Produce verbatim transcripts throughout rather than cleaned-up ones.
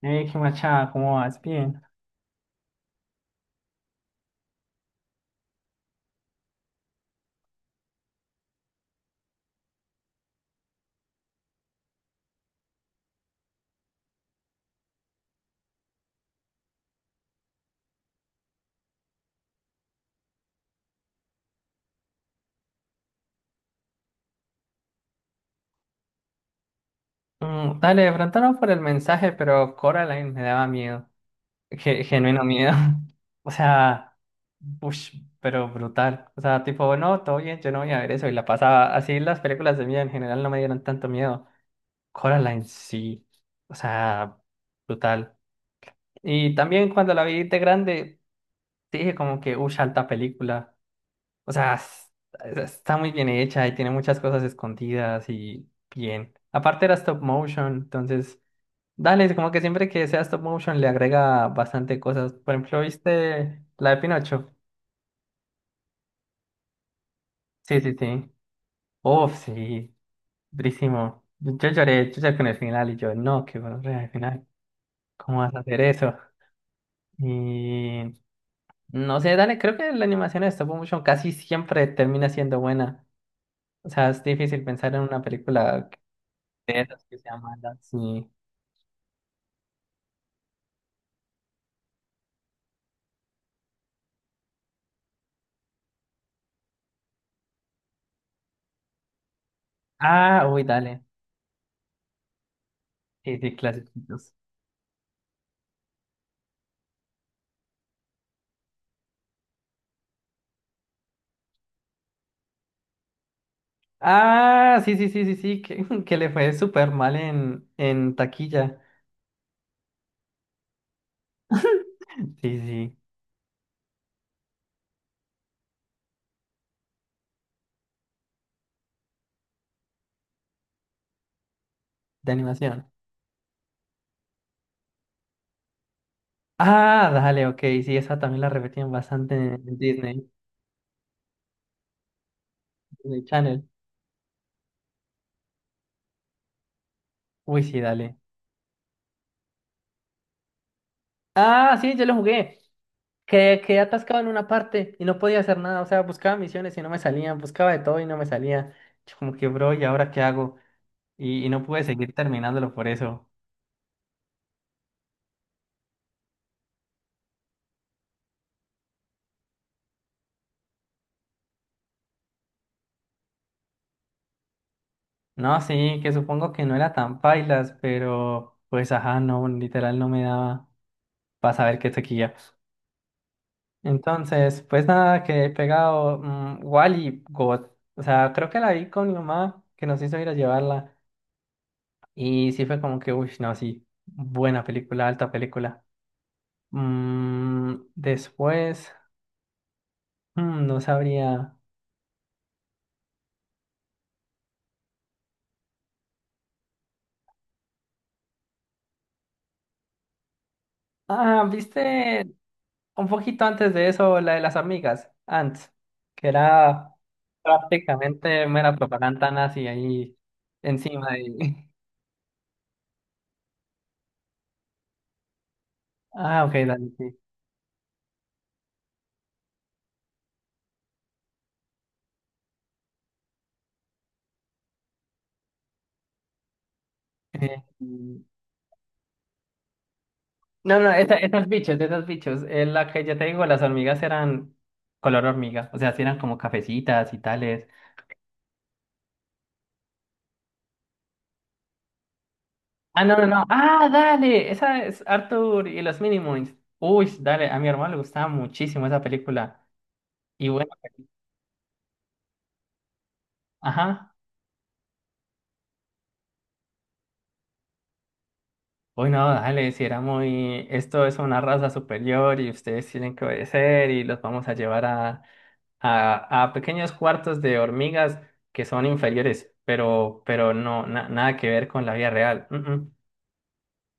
Hey, qué machada, ¿cómo vas? Bien. Mm, dale, de pronto no por el mensaje, pero Coraline me daba miedo. Ge- genuino miedo. O sea, ush, pero brutal. O sea, tipo, no, todo bien, yo no voy a ver eso. Y la pasaba. Así las películas de miedo en general no me dieron tanto miedo. Coraline sí. O sea, brutal. Y también cuando la vi de grande, dije como que, ush, alta película. O sea, es- está muy bien hecha y tiene muchas cosas escondidas y bien. Aparte era stop motion, entonces, dale, es como que siempre que sea stop motion le agrega bastante cosas. Por ejemplo, ¿viste la de Pinocho? Sí, sí, sí. Uf, sí, durísimo. Yo lloré, yo lloré con el final y yo, no, qué bueno, al final, ¿cómo vas a hacer eso? Y no sé, dale, creo que la animación de stop motion casi siempre termina siendo buena. O sea, es difícil pensar en una película de esas que se amandan, sí. Ah, uy, dale. Sí, sí, clasiquitos. Ah, sí, sí, sí, sí, sí, que, que le fue súper mal en, en taquilla. Sí, sí, de animación. Ah, dale, ok, sí, esa también la repetían bastante en Disney, Disney Channel. Uy, sí, dale. Ah, sí, yo lo jugué. Que quedé atascado en una parte y no podía hacer nada. O sea, buscaba misiones y no me salían, buscaba de todo y no me salía. Yo como que, bro, ¿y ahora qué hago? Y, y no pude seguir terminándolo por eso. No, sí, que supongo que no era tan pailas, pero pues ajá, no, literal no me daba para saber qué toquilla. Entonces, pues nada, quedé pegado. mm, Wall-E God. O sea, creo que la vi con mi mamá, que nos hizo ir a llevarla. Y sí fue como que, uy, no, sí, buena película, alta película. Mm, después, mm, no sabría. Ah, ¿viste? Un poquito antes de eso, la de las amigas, antes, que era prácticamente mera propaganda nazi ahí encima. Y... Ah, ok, dale, sí. Eh, no, no, esa- esas bichos, de esas bichos. Eh, la que ya te digo, las hormigas eran color hormiga, o sea, sí eran como cafecitas y tales. Ah, no, no, no. Ah, dale, esa es Arthur y los Minimoys. Uy, dale, a mi hermano le gustaba muchísimo esa película. Y bueno, ajá. Uy, no, dale, si era muy, esto es una raza superior y ustedes tienen que obedecer y los vamos a llevar a, a, a pequeños cuartos de hormigas que son inferiores, pero, pero no, na- nada que ver con la vida real. Mm, mm.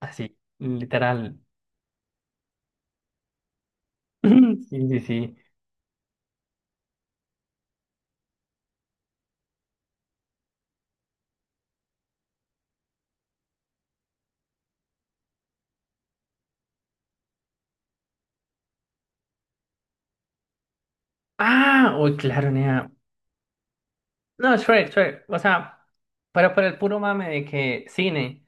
Así, literal. Sí, sí, sí. Ah, uy, claro, nea. No, Shrek, Shrek, o sea, pero por el puro mame de que cine,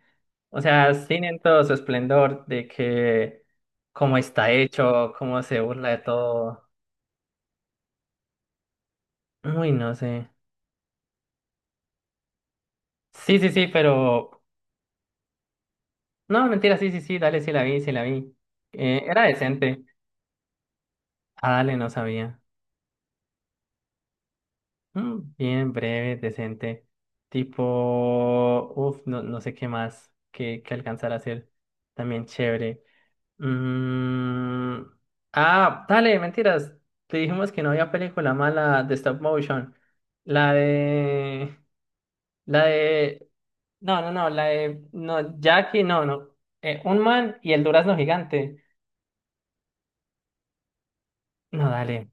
o sea, cine en todo su esplendor, de que cómo está hecho, cómo se burla de todo. Uy, no sé. Sí, sí, sí, pero. No, mentira, sí, sí, sí, dale, sí la vi, sí la vi. Eh, era decente. Ah, dale, no sabía. Mm, bien breve, decente. Tipo. Uf, no, no sé qué más que, que alcanzar a hacer. También chévere. Mm, Ah, dale, mentiras. Te dijimos que no había película mala de stop motion. La de. La de. No, no, no, la de, no, Jackie, no, no. Eh, un man y el durazno gigante. No, dale,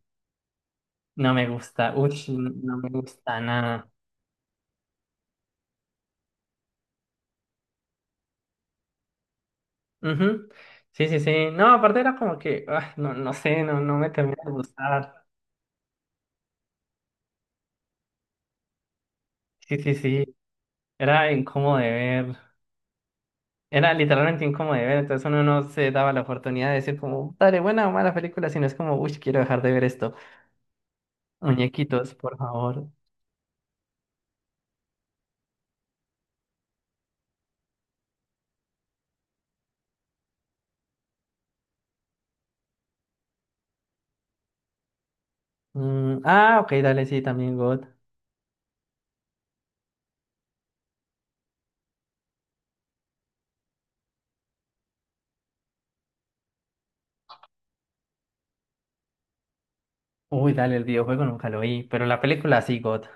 no me gusta. Uy, no me gusta nada. Ujú. Sí, sí, sí. No, aparte era como que, ah, no, no sé, no, no me termina de gustar. Sí, sí, sí. Era incómodo de ver. Era literalmente incómodo de ver. Entonces uno no se daba la oportunidad de decir como, dale, buena o mala película, sino es como, uy, quiero dejar de ver esto. Muñequitos, por favor. Mm, ah, ok, dale, sí, también God. Uy, dale, el videojuego nunca lo vi, pero la película sí, God.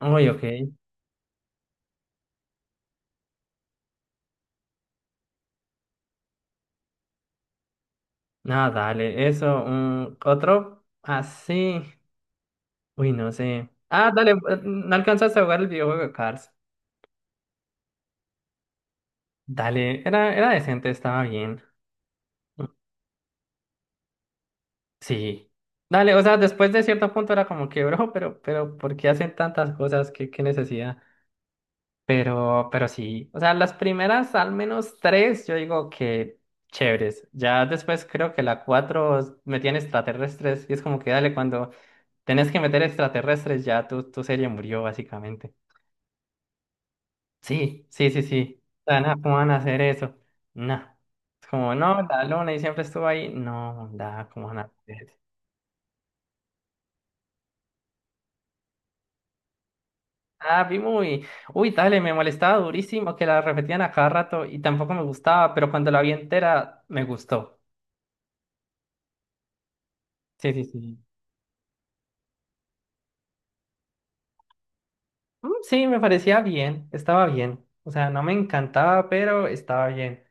Uy, ok. No, dale, eso. Un otro así. Uy, no sé. Ah, dale, eh, no alcanzaste a jugar el videojuego de Cars. Dale, era, era decente, estaba bien. Mm, sí. Dale, o sea, después de cierto punto era como que, bro, pero, pero, ¿por qué hacen tantas cosas? ¿Qué, qué necesidad? Pero, pero sí, o sea, las primeras al menos tres, yo digo que chéveres. Ya después creo que la cuatro metían extraterrestres y es como que dale, cuando tenés que meter extraterrestres ya tu, tu serie murió básicamente. Sí, sí, sí, sí. O sea, nada, ¿cómo van a hacer eso? No. Es como, no, la luna y siempre estuvo ahí. No, da, ¿cómo van a hacer eso? Ah, vi muy... Uy, dale, me molestaba durísimo que la repetían a cada rato y tampoco me gustaba, pero cuando la vi entera me gustó. Sí, sí, sí. Mm, sí, me parecía bien, estaba bien. O sea, no me encantaba, pero estaba bien.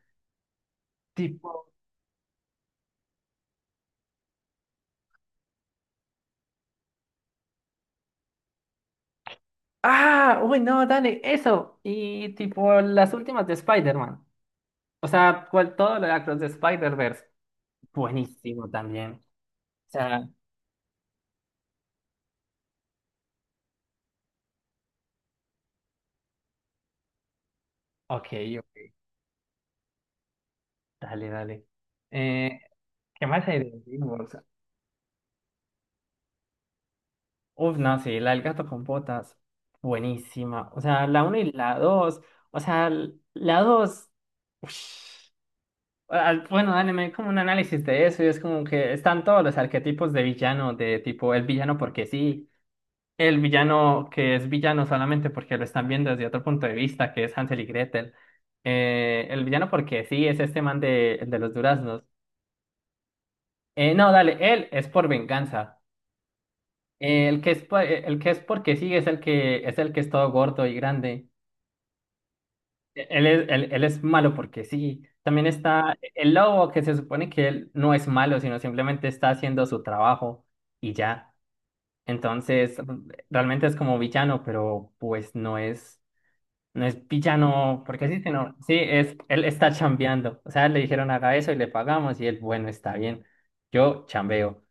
Tipo, ah, uy, no, dale, eso. Y tipo, las últimas de Spider-Man. O sea, cual, todo lo de Across the Spider-Verse. Buenísimo también. O sea, ok, ok, dale, dale. Eh, ¿Qué más hay de DreamWorks? Uf, no, sí, la del gato con botas. Buenísima. O sea, la uno y la dos. O sea, la dos. al- Bueno, dale, me como un análisis de eso y es como que están todos los arquetipos de villano, de tipo el villano porque sí, el villano que es villano solamente porque lo están viendo desde otro punto de vista, que es Hansel y Gretel, eh, el villano porque sí es este man de, el de los duraznos. Eh, no, dale, él es por venganza. Eh, el que es, por- el que es porque sí es el que es el que es todo gordo y grande. Él es, él, él es malo porque sí. También está el lobo, que se supone que él no es malo, sino simplemente está haciendo su trabajo y ya. Entonces, realmente es como villano, pero pues no es, no es villano, porque sí, sino, sí, es, él está chambeando. O sea, le dijeron haga eso y le pagamos y él, bueno, está bien, yo chambeo.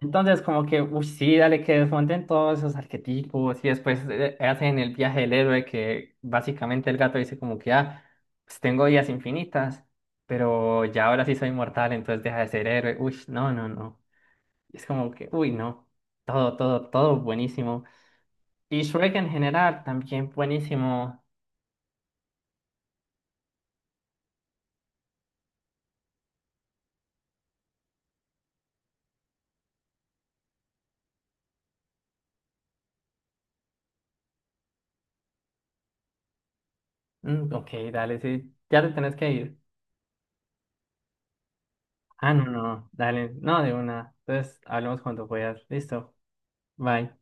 Entonces, como que, uy, sí, dale, que desmonten todos esos arquetipos y después eh, hacen el viaje del héroe que básicamente el gato dice como que, ah, pues tengo vidas infinitas, pero ya ahora sí soy mortal, entonces deja de ser héroe. Uy, no, no, no. Es como que, uy, no. Todo, todo, todo buenísimo. Y Shrek en general también buenísimo. Mm, ok, dale, sí. Ya te tenés que ir. Ah, no, no, dale, no de una. Entonces, hablamos cuando puedas. Listo. Bye.